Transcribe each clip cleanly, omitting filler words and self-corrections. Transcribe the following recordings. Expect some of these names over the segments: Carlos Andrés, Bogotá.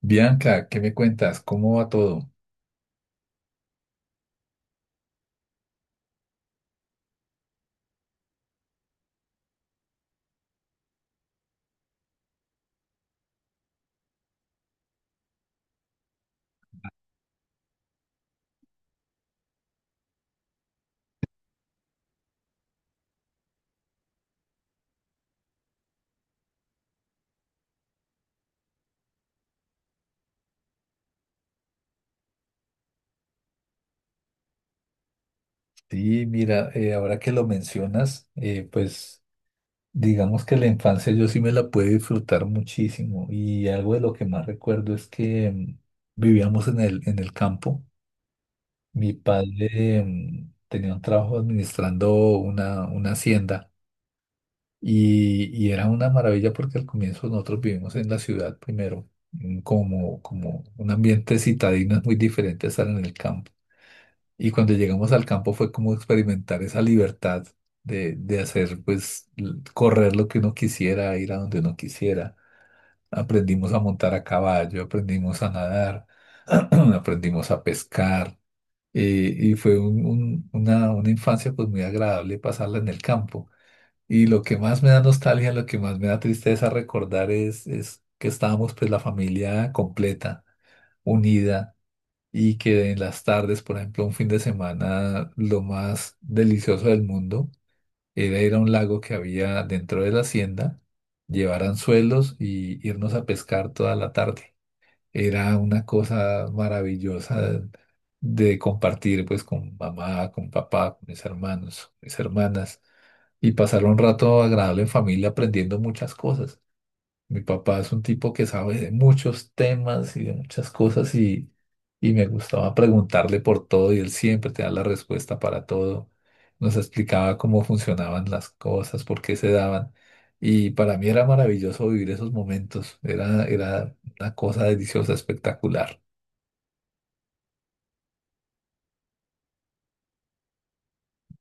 Bianca, ¿qué me cuentas? ¿Cómo va todo? Sí, mira, ahora que lo mencionas, pues digamos que la infancia yo sí me la pude disfrutar muchísimo y algo de lo que más recuerdo es que vivíamos en el campo. Mi padre tenía un trabajo administrando una hacienda y era una maravilla porque al comienzo nosotros vivimos en la ciudad primero, como un ambiente citadino es muy diferente a estar en el campo. Y cuando llegamos al campo fue como experimentar esa libertad de hacer, pues, correr lo que uno quisiera, ir a donde uno quisiera. Aprendimos a montar a caballo, aprendimos a nadar, aprendimos a pescar. Y fue una infancia pues muy agradable pasarla en el campo. Y lo que más me da nostalgia, lo que más me da tristeza recordar es que estábamos pues la familia completa, unida y que en las tardes, por ejemplo, un fin de semana, lo más delicioso del mundo era ir a un lago que había dentro de la hacienda, llevar anzuelos y irnos a pescar toda la tarde. Era una cosa maravillosa de compartir pues con mamá, con papá, con mis hermanos, mis hermanas y pasar un rato agradable en familia aprendiendo muchas cosas. Mi papá es un tipo que sabe de muchos temas y de muchas cosas y me gustaba preguntarle por todo y él siempre te da la respuesta para todo. Nos explicaba cómo funcionaban las cosas, por qué se daban. Y para mí era maravilloso vivir esos momentos. Era una cosa deliciosa, espectacular.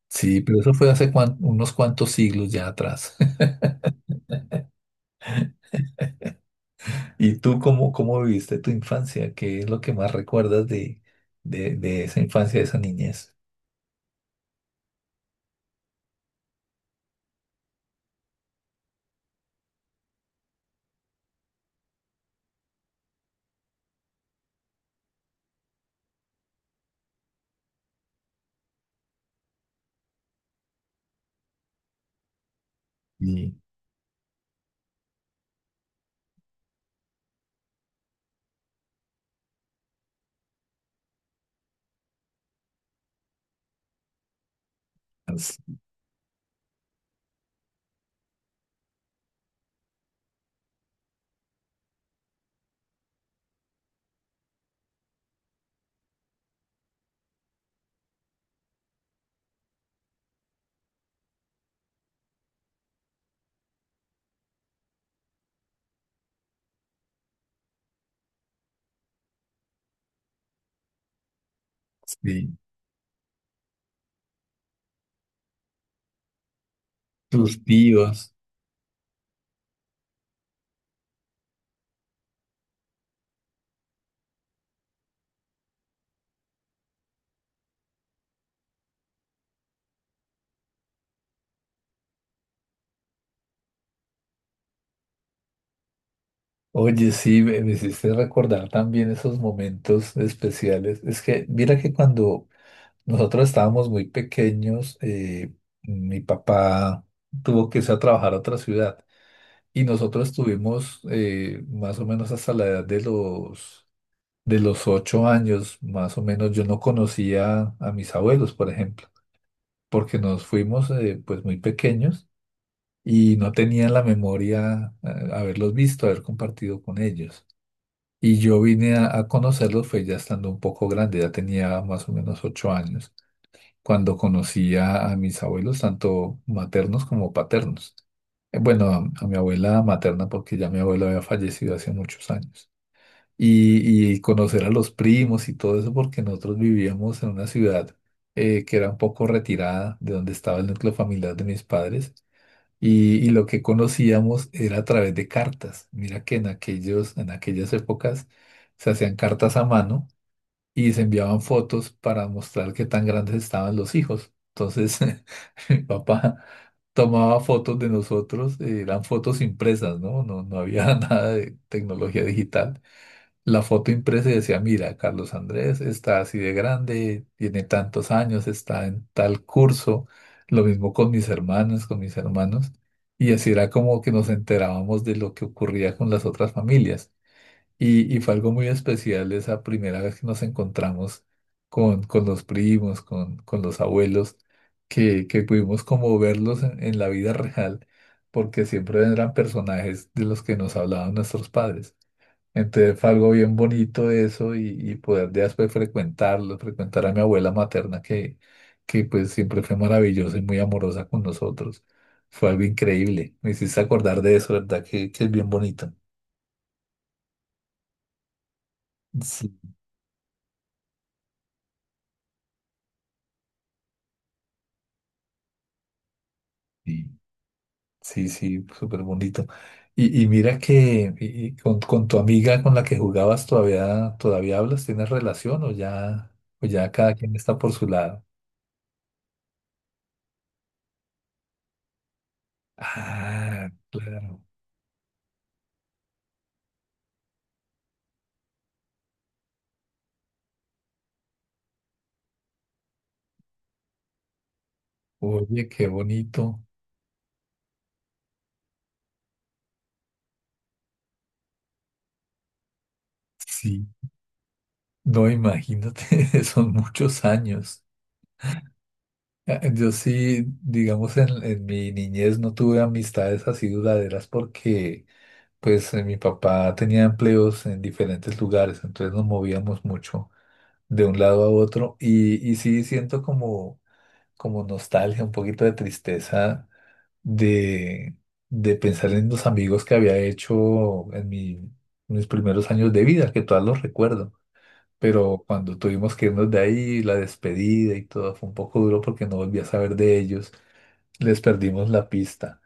Sí, pero eso fue hace unos cuantos siglos ya atrás. ¿Y tú cómo, cómo viviste tu infancia? ¿Qué es lo que más recuerdas de esa infancia, de esa niñez? Y- Sí, tus tíos. Oye, sí, me hiciste recordar también esos momentos especiales. Es que, mira que cuando nosotros estábamos muy pequeños, mi papá tuvo que irse a trabajar a otra ciudad y nosotros estuvimos más o menos hasta la edad de los 8 años, más o menos. Yo no conocía a mis abuelos, por ejemplo, porque nos fuimos pues muy pequeños. Y no tenía en la memoria haberlos visto, haber compartido con ellos. Y yo vine a conocerlos fue ya estando un poco grande, ya tenía más o menos 8 años, cuando conocí a mis abuelos, tanto maternos como paternos. Bueno, a mi abuela materna, porque ya mi abuelo había fallecido hace muchos años. Y conocer a los primos y todo eso, porque nosotros vivíamos en una ciudad que era un poco retirada de donde estaba el núcleo familiar de mis padres y lo que conocíamos era a través de cartas. Mira que en aquellas épocas se hacían cartas a mano y se enviaban fotos para mostrar qué tan grandes estaban los hijos. Entonces, mi papá tomaba fotos de nosotros, eran fotos impresas, ¿no? No había nada de tecnología digital. La foto impresa y decía, mira, Carlos Andrés está así de grande, tiene tantos años, está en tal curso, lo mismo con mis hermanas, con mis hermanos, y así era como que nos enterábamos de lo que ocurría con las otras familias. Y fue algo muy especial esa primera vez que nos encontramos con los primos, con los abuelos, que pudimos como verlos en la vida real, porque siempre eran personajes de los que nos hablaban nuestros padres. Entonces fue algo bien bonito eso y poder después frecuentarlo, frecuentar a mi abuela materna que pues siempre fue maravillosa y muy amorosa con nosotros. Fue algo increíble. Me hiciste acordar de eso, ¿verdad? Que es bien bonito. Sí, sí, sí, sí, súper bonito. Y mira que y con tu amiga con la que jugabas todavía, todavía hablas, ¿tienes relación o ya cada quien está por su lado? Ah, claro. Oye, qué bonito. Sí, no, imagínate, son muchos años. Ah, yo sí, digamos, en mi niñez no tuve amistades así duraderas porque, pues, mi papá tenía empleos en diferentes lugares, entonces nos movíamos mucho de un lado a otro y sí siento como nostalgia, un poquito de tristeza de, de pensar en los amigos que había hecho en mis primeros años de vida, que todos los recuerdo. Pero cuando tuvimos que irnos de ahí, la despedida y todo fue un poco duro porque no volví a saber de ellos, les perdimos la pista.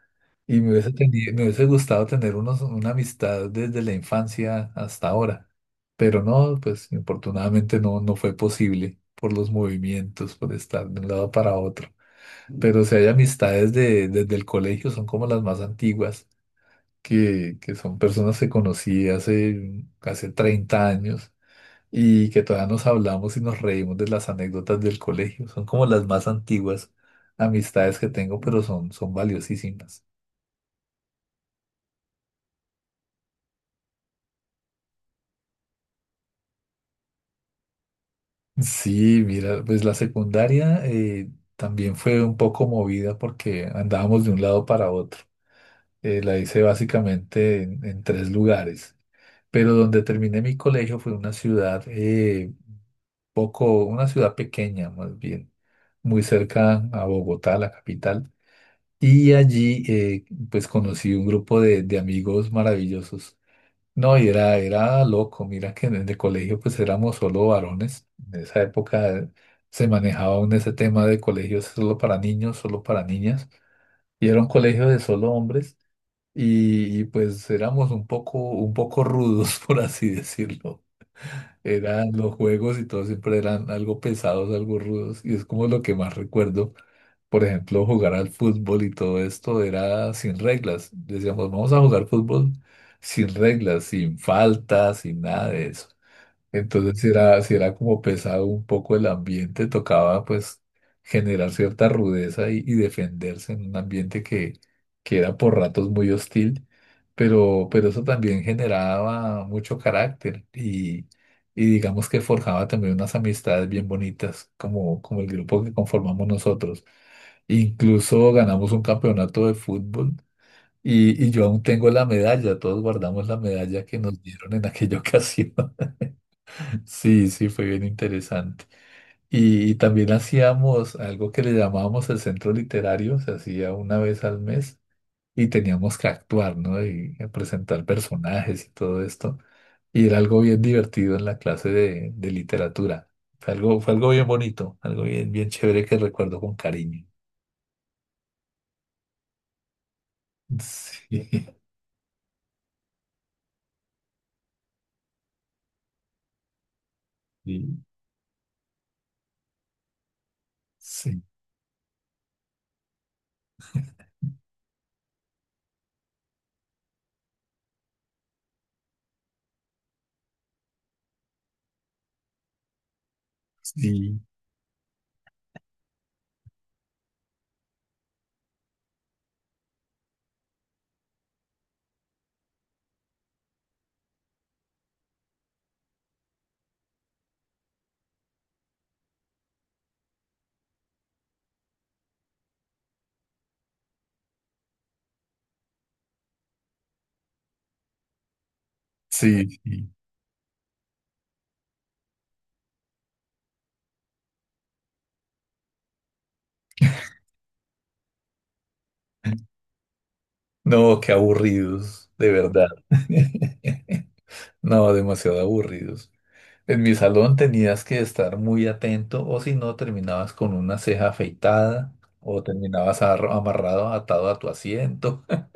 Y me hubiese gustado tener una amistad desde la infancia hasta ahora, pero no, pues infortunadamente no, no fue posible por los movimientos, por estar de un lado para otro. Pero si hay amistades desde el colegio, son como las más antiguas, que son personas que conocí hace 30 años y que todavía nos hablamos y nos reímos de las anécdotas del colegio. Son como las más antiguas amistades que tengo, pero son, son valiosísimas. Sí, mira, pues la secundaria también fue un poco movida porque andábamos de un lado para otro. La hice básicamente en 3 lugares, pero donde terminé mi colegio fue una ciudad poco, una ciudad pequeña más bien, muy cerca a Bogotá, la capital. Y allí, pues conocí un grupo de amigos maravillosos. No, y era, era loco. Mira que en el colegio, pues éramos solo varones. En esa época se manejaba aún ese tema de colegios solo para niños, solo para niñas. Y era un colegio de solo hombres. Y, pues éramos un poco rudos, por así decirlo. Eran los juegos y todo siempre eran algo pesados, algo rudos. Y es como lo que más recuerdo, por ejemplo, jugar al fútbol y todo esto era sin reglas. Decíamos, vamos a jugar fútbol sin reglas, sin faltas, sin nada de eso. Entonces, si era como pesado un poco el ambiente, tocaba pues generar cierta rudeza y defenderse en un ambiente que era por ratos muy hostil, pero eso también generaba mucho carácter y digamos que forjaba también unas amistades bien bonitas, como el grupo que conformamos nosotros. Incluso ganamos un campeonato de fútbol y yo aún tengo la medalla, todos guardamos la medalla que nos dieron en aquella ocasión. Sí, sí, fue bien interesante. Y también hacíamos algo que le llamábamos el centro literario, se hacía una vez al mes y teníamos que actuar, ¿no? Y presentar personajes y todo esto. Y era algo bien divertido en la clase de literatura. Fue algo bien bonito, algo bien, bien chévere que recuerdo con cariño. Sí, sí, sí, sí, sí. Sí. No, qué aburridos, de verdad. No, demasiado aburridos. En mi salón tenías que estar muy atento o si no terminabas con una ceja afeitada o terminabas amarrado, atado a tu asiento.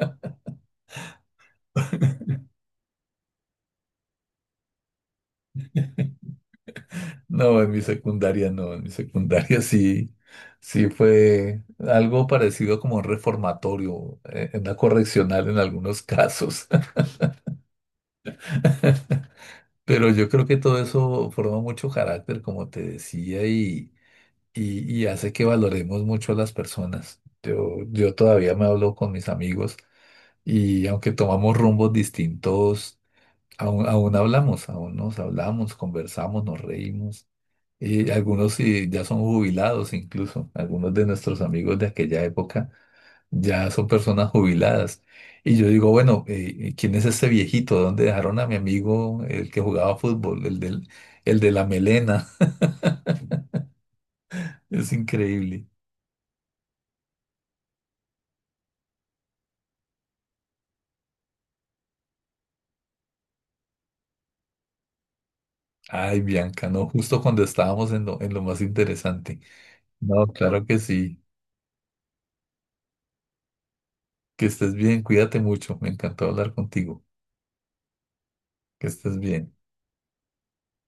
No, en mi secundaria no, en mi secundaria sí, sí fue algo parecido como un reformatorio, una correccional en algunos casos. Pero yo creo que todo eso forma mucho carácter, como te decía, y hace que valoremos mucho a las personas. Yo todavía me hablo con mis amigos. Y aunque tomamos rumbos distintos, aún, aún hablamos, aún nos hablamos, conversamos, nos reímos. Y algunos sí, ya son jubilados incluso, algunos de nuestros amigos de aquella época ya son personas jubiladas. Y yo digo, bueno, ¿quién es ese viejito? ¿Dónde dejaron a mi amigo, el que jugaba fútbol, el de la melena? Es increíble. Ay, Bianca, no, justo cuando estábamos en lo más interesante. No, claro que sí. Que estés bien, cuídate mucho. Me encantó hablar contigo. Que estés bien.